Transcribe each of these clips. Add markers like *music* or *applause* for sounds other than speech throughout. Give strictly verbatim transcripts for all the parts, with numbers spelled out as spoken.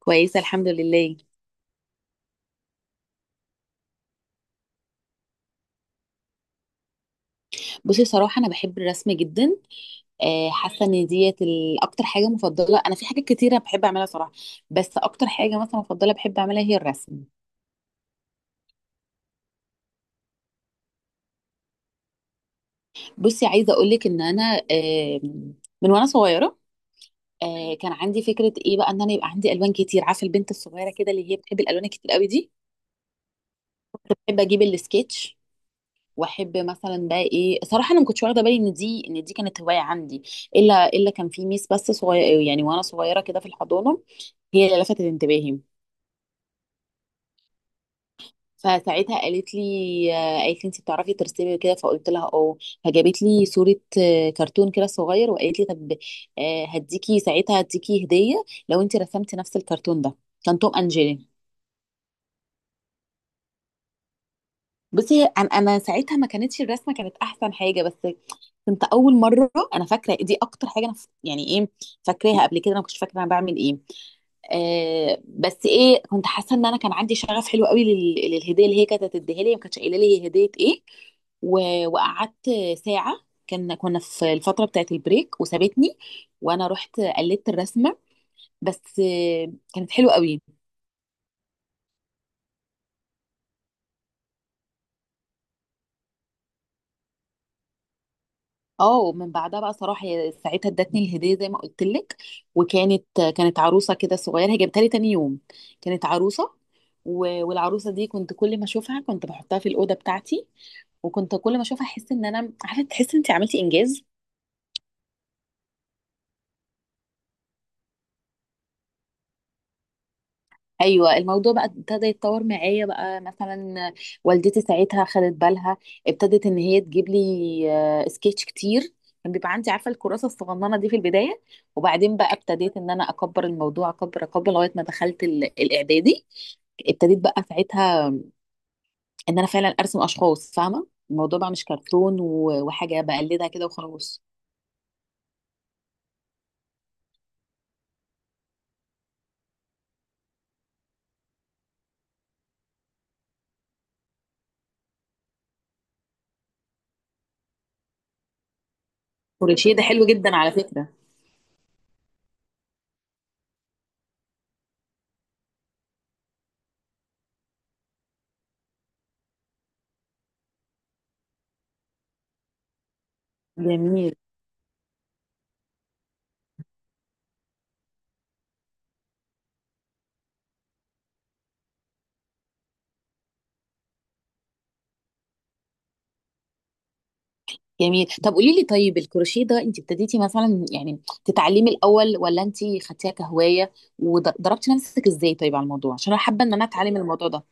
كويسة الحمد لله. بصي، صراحة أنا بحب الرسم جدا. آه، حاسة إن ديت ال- أكتر حاجة مفضلة. أنا في حاجات كتيرة بحب أعملها صراحة، بس أكتر حاجة مثلا مفضلة بحب أعملها هي الرسم. بصي، عايزة أقولك إن أنا آه، من وأنا صغيرة آه، كان عندي فكرة إيه بقى، إن أنا يبقى عندي ألوان كتير. عارفة البنت الصغيرة كده اللي هي بتحب الألوان الكتير قوي دي، بحب أجيب السكتش. واحب مثلا بقى ايه، صراحه انا ما كنتش واخده بالي ان دي ان دي كانت هوايه عندي. الا الا كان في ميس بس صغير، يعني وانا صغيره كده في الحضانه، هي اللي لفتت انتباهي. فساعتها قالت لي، آه، قالت لي انت بتعرفي ترسمي كده؟ فقلت لها اه. فجابت لي صورة، آه، كرتون كده صغير، وقالت لي طب، آه، هديكي ساعتها هديكي هدية لو انت رسمتي نفس الكرتون ده. كان توم اند جيري. بصي، انا انا ساعتها، ما كانتش الرسمه كانت احسن حاجه، بس كنت اول مره. انا فاكره دي اكتر حاجه انا ف- يعني ايه، فاكراها قبل كده. انا ما كنتش فاكره انا بعمل ايه. آه بس ايه، كنت حاسه ان انا كان عندي شغف حلو قوي لل- للهديه اللي هي كانت هتديها لي. ما كانتش قايله لي هي هديه ايه. و- وقعدت ساعه، كان كنا في الفتره بتاعت البريك وسابتني، وانا رحت قلدت الرسمه. بس آه، كانت حلوه قوي. اه، من بعدها بقى صراحه، هي ساعتها ادتني الهديه زي ما قلت لك، وكانت، كانت عروسه كده صغيره، هي جابتها لي تاني يوم. كانت عروسه. و- والعروسه دي كنت كل ما اشوفها كنت بحطها في الاوضه بتاعتي. وكنت كل ما اشوفها احس ان انا، عارفه، تحس ان انت عملتي انجاز. ايوه، الموضوع بقى ابتدى يتطور معايا بقى، مثلا والدتي ساعتها خدت بالها. ابتدت ان هي تجيب لي آه، سكتش كتير. كان بيبقى عندي، عارفه، الكراسه الصغننه دي في البدايه. وبعدين بقى ابتديت ان انا اكبر الموضوع، اكبر اكبر، لغايه ما دخلت ال- الاعدادي. ابتديت بقى ساعتها ان انا فعلا ارسم اشخاص، فاهمه الموضوع بقى مش كرتون و- وحاجه بقلدها كده وخلاص. كروشيه ده حلو جدا على فكره. جميل. جميل، طب قولي لي، طيب الكروشيه ده انت ابتديتي مثلا يعني تتعلمي الاول، ولا انت خدتيها كهوايه وضربتي نفسك ازاي؟ طيب على الموضوع، عشان انا حابه ان انا اتعلم الموضوع ده.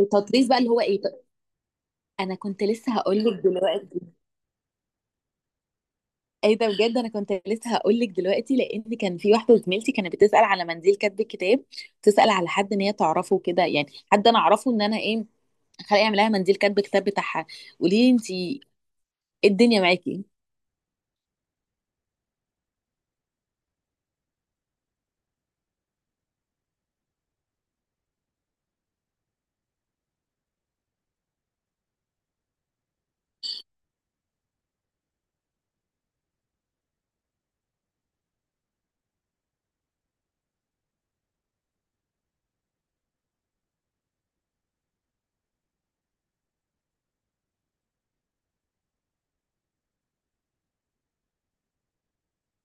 التطريز بقى اللي هو ايه؟ انا كنت لسه هقول لك دلوقتي. ايه ده بجد، انا كنت لسه هقول لك دلوقتي، لان كان في واحده زميلتي كانت بتسال على منديل كاتب الكتاب. تسال على حد ان هي تعرفه كده، يعني حد انا اعرفه ان انا، ايه، خلق يعمل لها منديل كاتب الكتاب بتاعها. قولي لي انت ايه، الدنيا معاكي.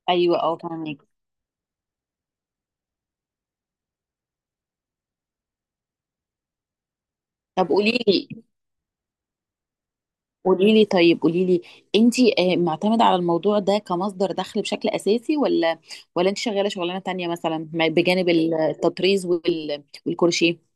ايوه، اه، فاهمك. طب قولي لي، قولي لي، طيب قولي لي، انتي آه، معتمدة على الموضوع ده كمصدر دخل بشكل اساسي، ولا ولا انت شغالة شغلانة تانية مثلا ما- بجانب التطريز وال- والكروشيه؟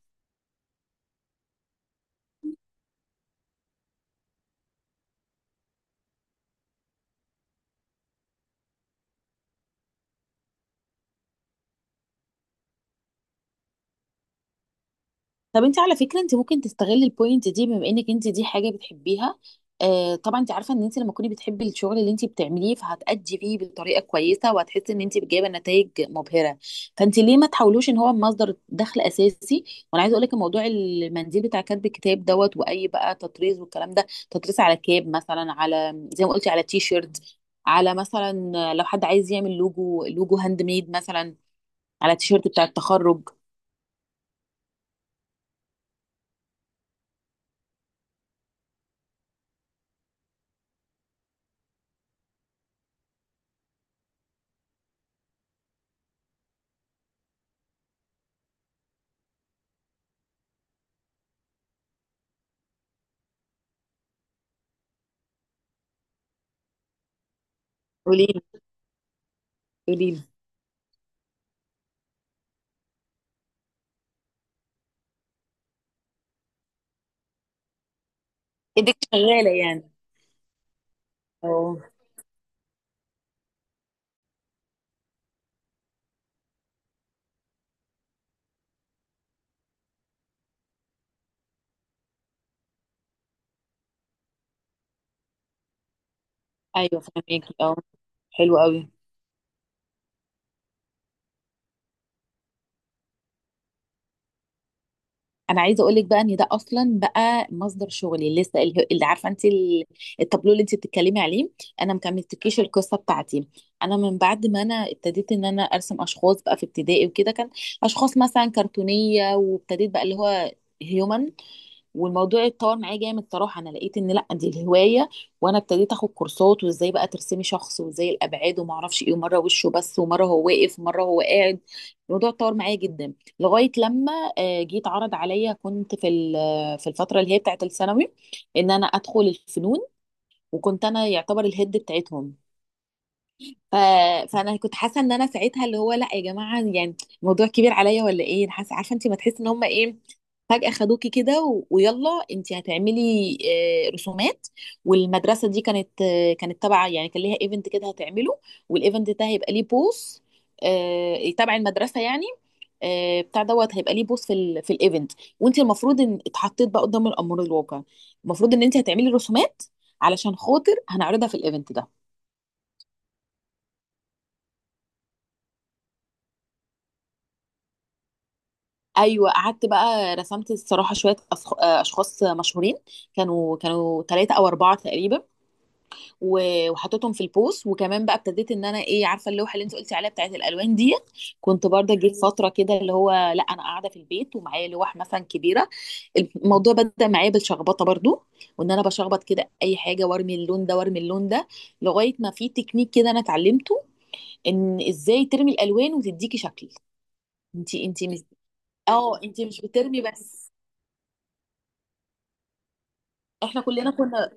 طب انت على فكره، انت ممكن تستغلي البوينت دي، بما انك انت دي حاجه بتحبيها. آه طبعا، انت عارفه ان انت لما تكوني بتحبي الشغل اللي انت بتعمليه، فهتأدي فيه بطريقه كويسه، وهتحسي ان انت جايبه نتائج مبهره. فانت ليه ما تحاولوش ان هو مصدر دخل اساسي؟ وانا عايزه اقول لك، موضوع المنديل بتاع كتب الكتاب دوت واي بقى، تطريز. والكلام ده، تطريز على كاب مثلا، على زي ما قلتي، على تي شيرت، على مثلا لو حد عايز يعمل لوجو، لوجو هاند ميد مثلا، على تيشيرت بتاع التخرج. قولي لي، قولي لي، ايدك شغاله يعني. اه. ايوه فهماكي. اه، حلو قوي. انا عايزه اقول لك بقى، ان ده اصلا بقى مصدر شغلي لسه. ال- اللي، عارفه انت، ال- التابلو اللي انت بتتكلمي عليه، انا ما كملتكيش القصه بتاعتي. انا من بعد ما انا ابتديت ان انا ارسم اشخاص بقى في ابتدائي وكده، كان اشخاص مثلا كرتونيه، وابتديت بقى اللي هو هيومن. والموضوع اتطور معايا جامد صراحه. انا لقيت ان لا، دي الهوايه. وانا ابتديت اخد كورسات، وازاي بقى ترسمي شخص، وازاي الابعاد، وما اعرفش ايه، ومره وشه بس، ومره هو واقف، ومره هو قاعد. الموضوع اتطور معايا جدا، لغايه لما آه، جيت عرض عليا. كنت في ال- في الفتره اللي هي بتاعت الثانوي، ان انا ادخل الفنون، وكنت انا يعتبر الهيد بتاعتهم. ف... فانا كنت حاسه ان انا ساعتها، اللي هو لا يا جماعه، يعني الموضوع كبير عليا ولا ايه؟ أنا حاسه، عارفه انت، ما تحس ان هم ايه، فجاه خدوكي كده و... ويلا انت هتعملي آه، رسومات. والمدرسه دي كانت، آه، كانت تبع، يعني كان ليها ايفنت كده هتعمله، والايفنت ده هيبقى ليه بوس آه، تبع المدرسه، يعني آه، بتاع دوت هيبقى ليه بوس في ال في الايفنت. وانت المفروض ان اتحطيت بقى قدام الامر الواقع، المفروض ان انت هتعملي رسومات علشان خاطر هنعرضها في الايفنت ده. ايوه، قعدت بقى رسمت الصراحه شويه أصخ- آه، اشخاص مشهورين، كانوا كانوا ثلاثه او اربعه تقريبا، و- وحطيتهم في البوست. وكمان بقى ابتديت ان انا، ايه، عارفه اللوحه اللي انت قلتي عليها بتاعت الالوان ديت، كنت برضه جيت فتره كده اللي هو لا، انا قاعده في البيت ومعايا لوح مثلا كبيره. الموضوع بدا معايا بالشخبطه برضه، وان انا بشخبط كده اي حاجه، وارمي اللون ده وارمي اللون ده، لغايه ما في تكنيك كده انا اتعلمته، ان ازاي ترمي الالوان وتديكي شكل. انت انت مش، اه انت مش بترمي بس. احنا كلنا كنا،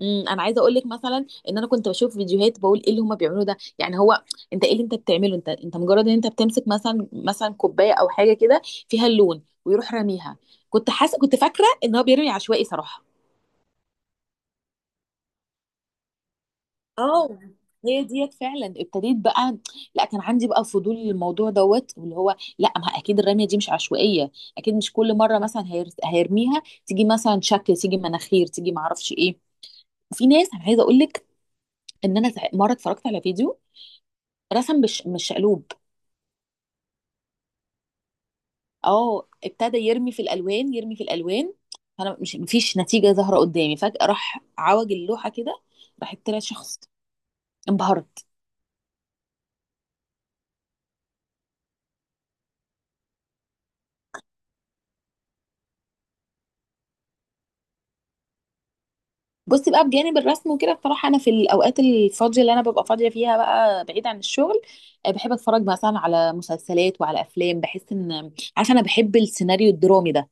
امم انا عايزه اقول لك مثلا، ان انا كنت بشوف فيديوهات بقول ايه اللي هما بيعملوه ده، يعني هو انت ايه اللي انت بتعمله؟ انت، انت مجرد ان انت بتمسك مثلا، مثلا كوبايه او حاجه كده فيها اللون ويروح راميها. كنت حاسه، كنت فاكره ان هو بيرمي عشوائي صراحه. اه، هي ديت فعلا ابتديت بقى، لا، كان عندي بقى فضول للموضوع دوت، واللي هو لا، ما اكيد الرميه دي مش عشوائيه، اكيد مش كل مره مثلا هير- هيرميها تيجي مثلا شكل، تيجي مناخير، تيجي معرفش ايه. وفي ناس، انا عايزه اقول لك ان انا سع- مره اتفرجت على فيديو رسم، مش مش شقلوب. اه، ابتدى يرمي في الالوان، يرمي في الالوان، فانا مش، مفيش نتيجه ظاهره قدامي. فجاه راح عوج اللوحه كده، راح طلع شخص. انبهرت. بصي بقى، بجانب الرسم وكده، بصراحه انا في الاوقات الفاضيه اللي انا ببقى فاضيه فيها بقى بعيد عن الشغل، آه، بحب اتفرج مثلا على مسلسلات وعلى افلام. بحس ان، عارفه، انا بحب السيناريو الدرامي ده.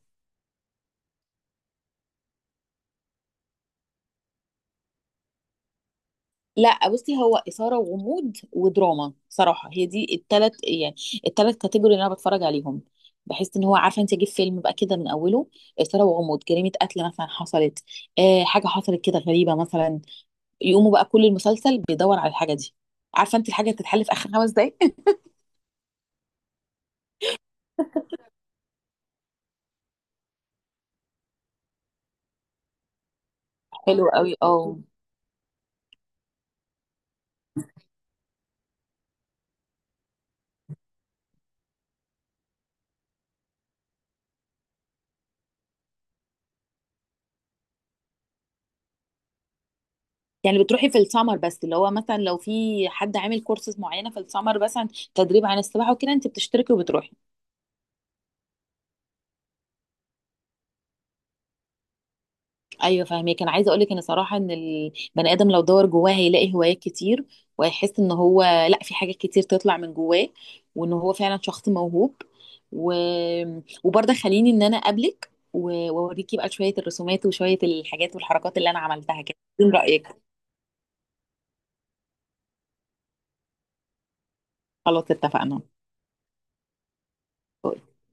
لا بصي، هو اثاره وغموض ودراما صراحه، هي دي الثلاث يعني، الثلاث كاتيجوري اللي انا بتفرج عليهم. بحس ان هو، عارفه انت، اجيب فيلم بقى كده من اوله، اثاره وغموض، جريمه قتل مثلا حصلت، آه حاجه حصلت كده غريبه مثلا، يقوموا بقى كل المسلسل بيدور على الحاجه دي، عارفه انت، الحاجه اللي بتتحل في اخر خمس دقايق. *laughs* حلو قوي، اه. يعني بتروحي في السمر بس، اللي هو مثلا لو في حد عامل كورسز معينه في السمر مثلا تدريب عن السباحه وكده، انت بتشتركي وبتروحي. ايوه، فاهمك. انا عايزه اقول لك ان صراحه، ان البني ادم لو دور جواه، هيلاقي هوايات كتير، وهيحس ان هو، لا، في حاجات كتير تطلع من جواه، وان هو فعلا شخص موهوب. و... وبرضه خليني ان انا اقابلك و- واوريكي بقى شويه الرسومات وشويه الحاجات والحركات اللي انا عملتها كده. من رايك؟ خلاص، اتفقنا.